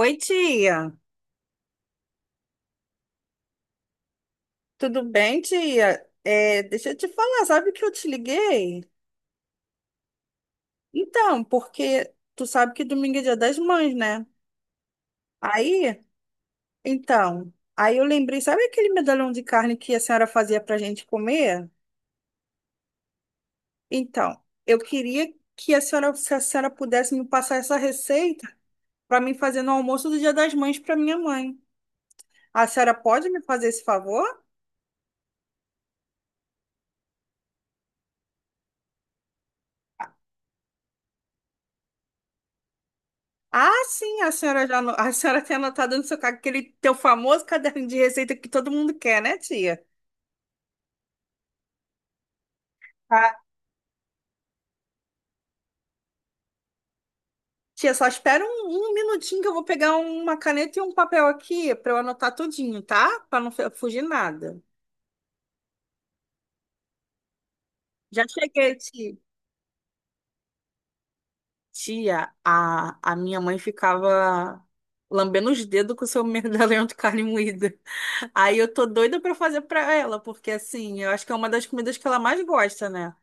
Oi, tia. Tudo bem, tia? É, deixa eu te falar, sabe que eu te liguei? Então, porque tu sabe que domingo é Dia das Mães, né? Aí, então, aí eu lembrei, sabe aquele medalhão de carne que a senhora fazia pra gente comer? Então, eu queria que a senhora, se a senhora pudesse me passar essa receita para mim fazer no almoço do Dia das Mães para minha mãe. A senhora pode me fazer esse favor? Ah, sim, a senhora a senhora tem anotado no seu caderno aquele teu famoso caderno de receita que todo mundo quer, né, tia? Tá? Tia, só espera um minutinho que eu vou pegar uma caneta e um papel aqui para eu anotar tudinho, tá? Para não fugir nada. Já cheguei, tia. Tia, a minha mãe ficava lambendo os dedos com o seu medalhão de carne moída. Aí eu tô doida para fazer para ela, porque assim, eu acho que é uma das comidas que ela mais gosta, né?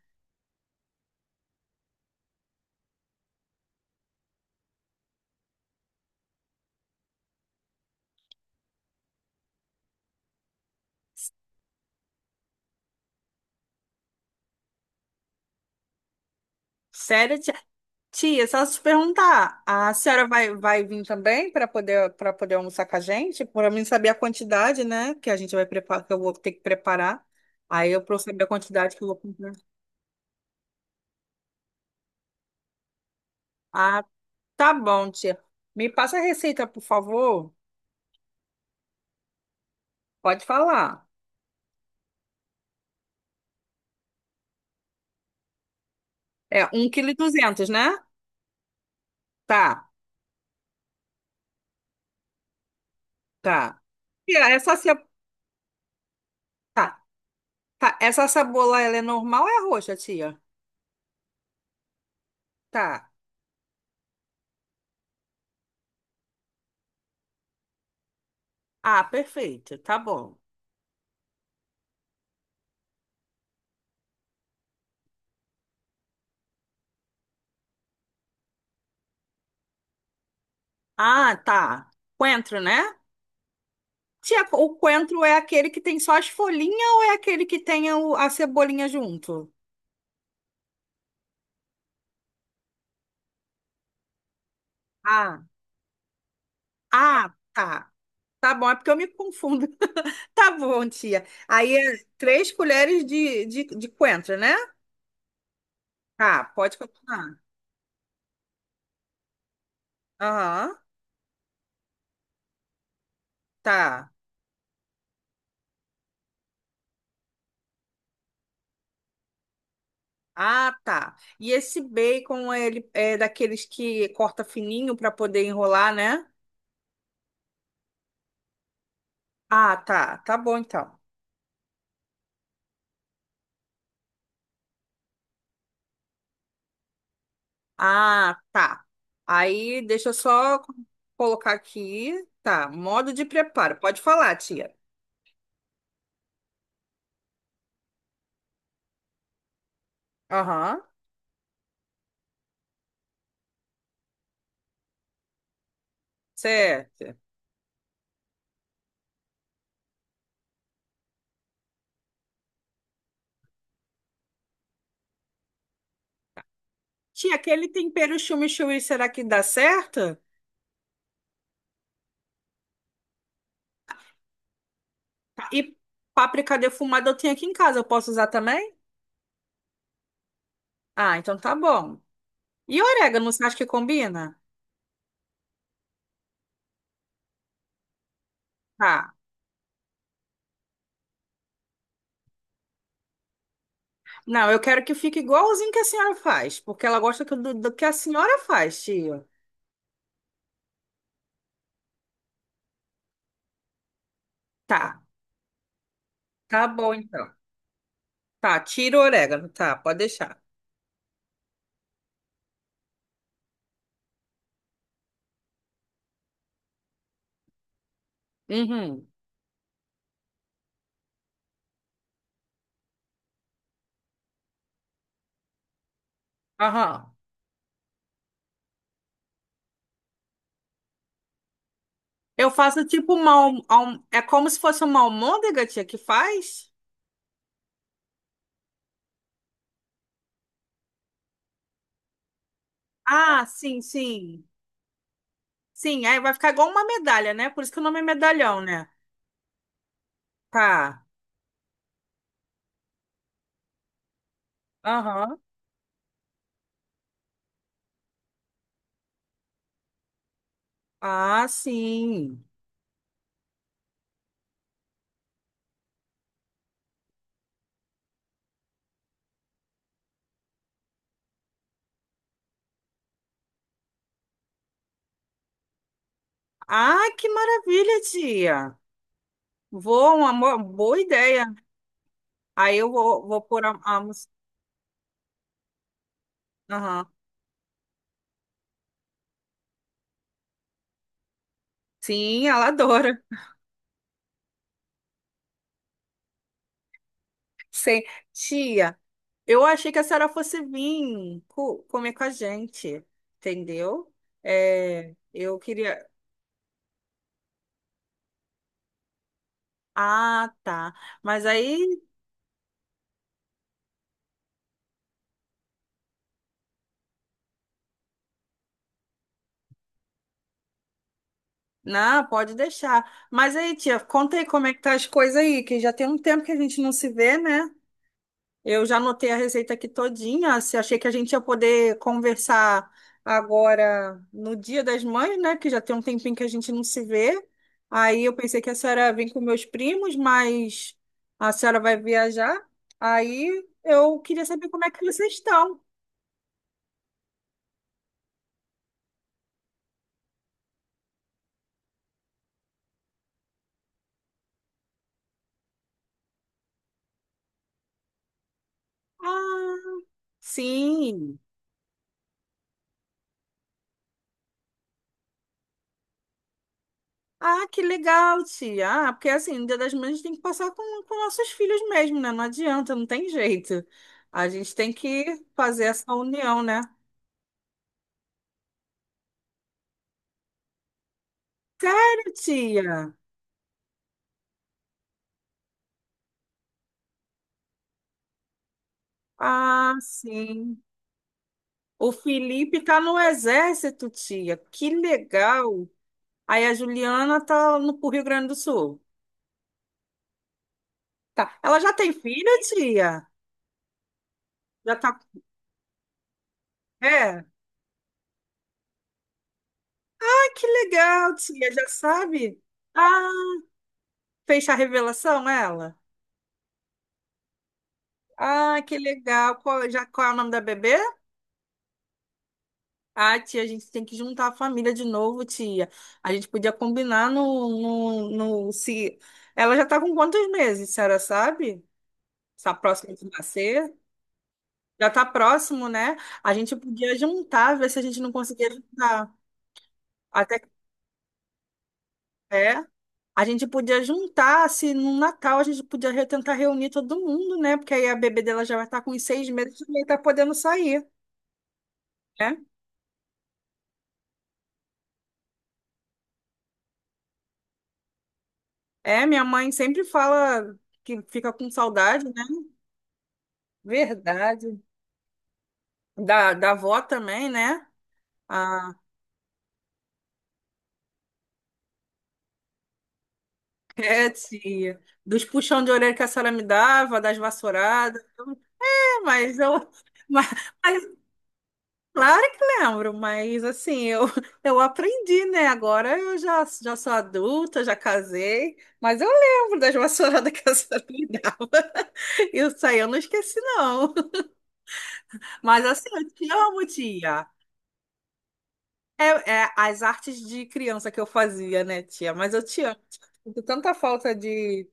Sério, tia? Tia, só se perguntar, a senhora vai vir também para poder almoçar com a gente? Para mim saber a quantidade, né, que a gente vai preparar, que eu vou ter que preparar. Aí eu para eu saber a quantidade que eu vou comprar. Ah, tá bom, tia. Me passa a receita, por favor. Pode falar. É um 1,2 kg, né? Tá, tá. Tia, tá, tá. Essa cebola ela é normal ou é roxa, tia? Tá. Ah, perfeito. Tá bom. Ah, tá. Coentro, né? Tia, o coentro é aquele que tem só as folhinhas ou é aquele que tem a cebolinha junto? Ah, ah, tá. Tá bom, é porque eu me confundo. Tá bom, tia. Aí é três colheres de coentro, né? Tá, pode continuar. Aham, tá. Ah, tá. E esse bacon, ele é daqueles que corta fininho para poder enrolar, né? Ah, tá. Tá bom, então. Ah, tá. Aí deixa eu só colocar aqui. Tá, modo de preparo. Pode falar, tia. Aham, certo. Tia, aquele tempero chimichurri, será que dá certo? Tá, e páprica defumada eu tenho aqui em casa, eu posso usar também? Ah, então tá bom. E orégano, você acha que combina? Tá. Não, eu quero que fique igualzinho que a senhora faz, porque ela gosta do que a senhora faz, tia. Tá, tá bom então. Tá, tira o orégano, tá, pode deixar. Uhum. Aham. Eu faço tipo uma. É como se fosse uma almôndega, tia, que faz? Ah, sim, sim. Sim, aí vai ficar igual uma medalha, né? Por isso que o nome é medalhão, né? Tá. Aham. Ah, sim. Ah, que maravilha, tia. Boa ideia. Aí eu vou pôr a. Aham. Sim, ela adora. Sim. Tia, eu achei que a senhora fosse vir comer com a gente, entendeu? É, eu queria. Ah, tá. Mas aí, não, pode deixar. Mas aí, tia, conta aí como é que tá as coisas aí, que já tem um tempo que a gente não se vê, né? Eu já anotei a receita aqui todinha. Se achei que a gente ia poder conversar agora no Dia das Mães, né? Que já tem um tempinho que a gente não se vê. Aí eu pensei que a senhora vem com meus primos, mas a senhora vai viajar. Aí eu queria saber como é que vocês estão. Ah, sim. Ah, que legal, tia. Ah, porque assim, no Dia das Mães a gente tem que passar com nossos filhos mesmo, né? Não adianta, não tem jeito. A gente tem que fazer essa união, né? Sério, tia? Ah, sim. O Felipe tá no exército, tia. Que legal. Aí a Juliana tá no pro Rio Grande do Sul. Tá. Ela já tem filho, tia? Já tá. É. Ah, que legal, tia. Já sabe? Ah, fez a revelação, ela? Ah, que legal. Qual é o nome da bebê? Ah, tia, a gente tem que juntar a família de novo, tia. A gente podia combinar no, no, no- se... Ela já tá com quantos meses, a senhora sabe? Está próxima de nascer? Já tá próximo, né? A gente podia juntar, ver se a gente não conseguia juntar. Até que é. A gente podia juntar, se no Natal a gente podia tentar reunir todo mundo, né? Porque aí a bebê dela já vai estar com uns 6 meses e vai estar podendo sair, né? É, minha mãe sempre fala que fica com saudade, né? Verdade. Da avó também, né? Ah, é, tia. Dos puxão de orelha que a senhora me dava, das vassouradas. É, mas eu. Mas, mas claro que lembro, mas assim, eu aprendi, né? Agora eu já sou adulta, já casei, mas eu lembro das vassouradas que a senhora me dava. Isso aí eu não esqueci, não. Mas assim, eu te amo, tia. É, é as artes de criança que eu fazia, né, tia? Mas eu te amo, tia. Sinto tanta falta de,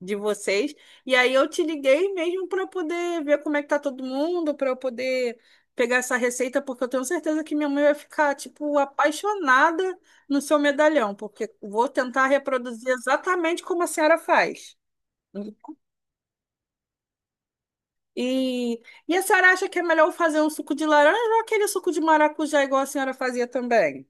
de vocês. E aí eu te liguei mesmo para poder ver como é que tá todo mundo, para eu poder pegar essa receita, porque eu tenho certeza que minha mãe vai ficar, tipo, apaixonada no seu medalhão, porque vou tentar reproduzir exatamente como a senhora faz. E, e a senhora acha que é melhor eu fazer um suco de laranja ou aquele suco de maracujá igual a senhora fazia também?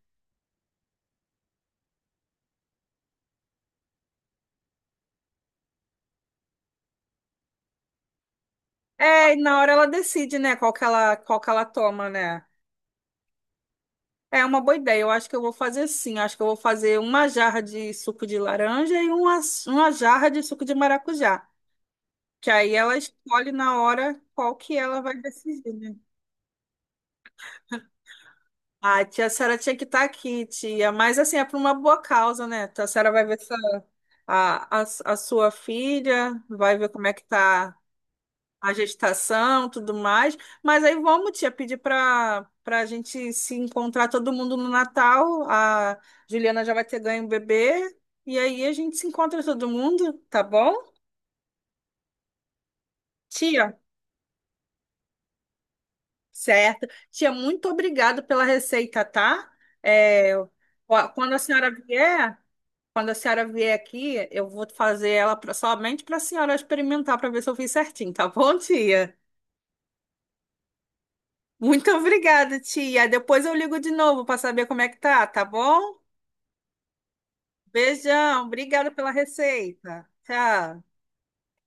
É, e na hora ela decide, né, qual que ela toma, né? É uma boa ideia. Eu acho que eu vou fazer assim. Acho que eu vou fazer uma jarra de suco de laranja e uma jarra de suco de maracujá. Que aí ela escolhe na hora qual que ela vai decidir, né? Ah, Tia Sara tinha que estar aqui, tia. Mas assim, é por uma boa causa, né? Tia Sara vai ver se a sua filha, vai ver como é que tá a gestação, tudo mais. Mas aí vamos, tia, pedir para a gente se encontrar todo mundo no Natal. A Juliana já vai ter ganho o bebê. E aí a gente se encontra todo mundo, tá bom? Tia, certo. Tia, muito obrigada pela receita, tá? É, ó, quando a senhora vier aqui, eu vou fazer ela somente para a senhora experimentar para ver se eu fiz certinho, tá bom, tia? Muito obrigada, tia. Depois eu ligo de novo para saber como é que tá, tá bom? Beijão, obrigada pela receita. Tchau.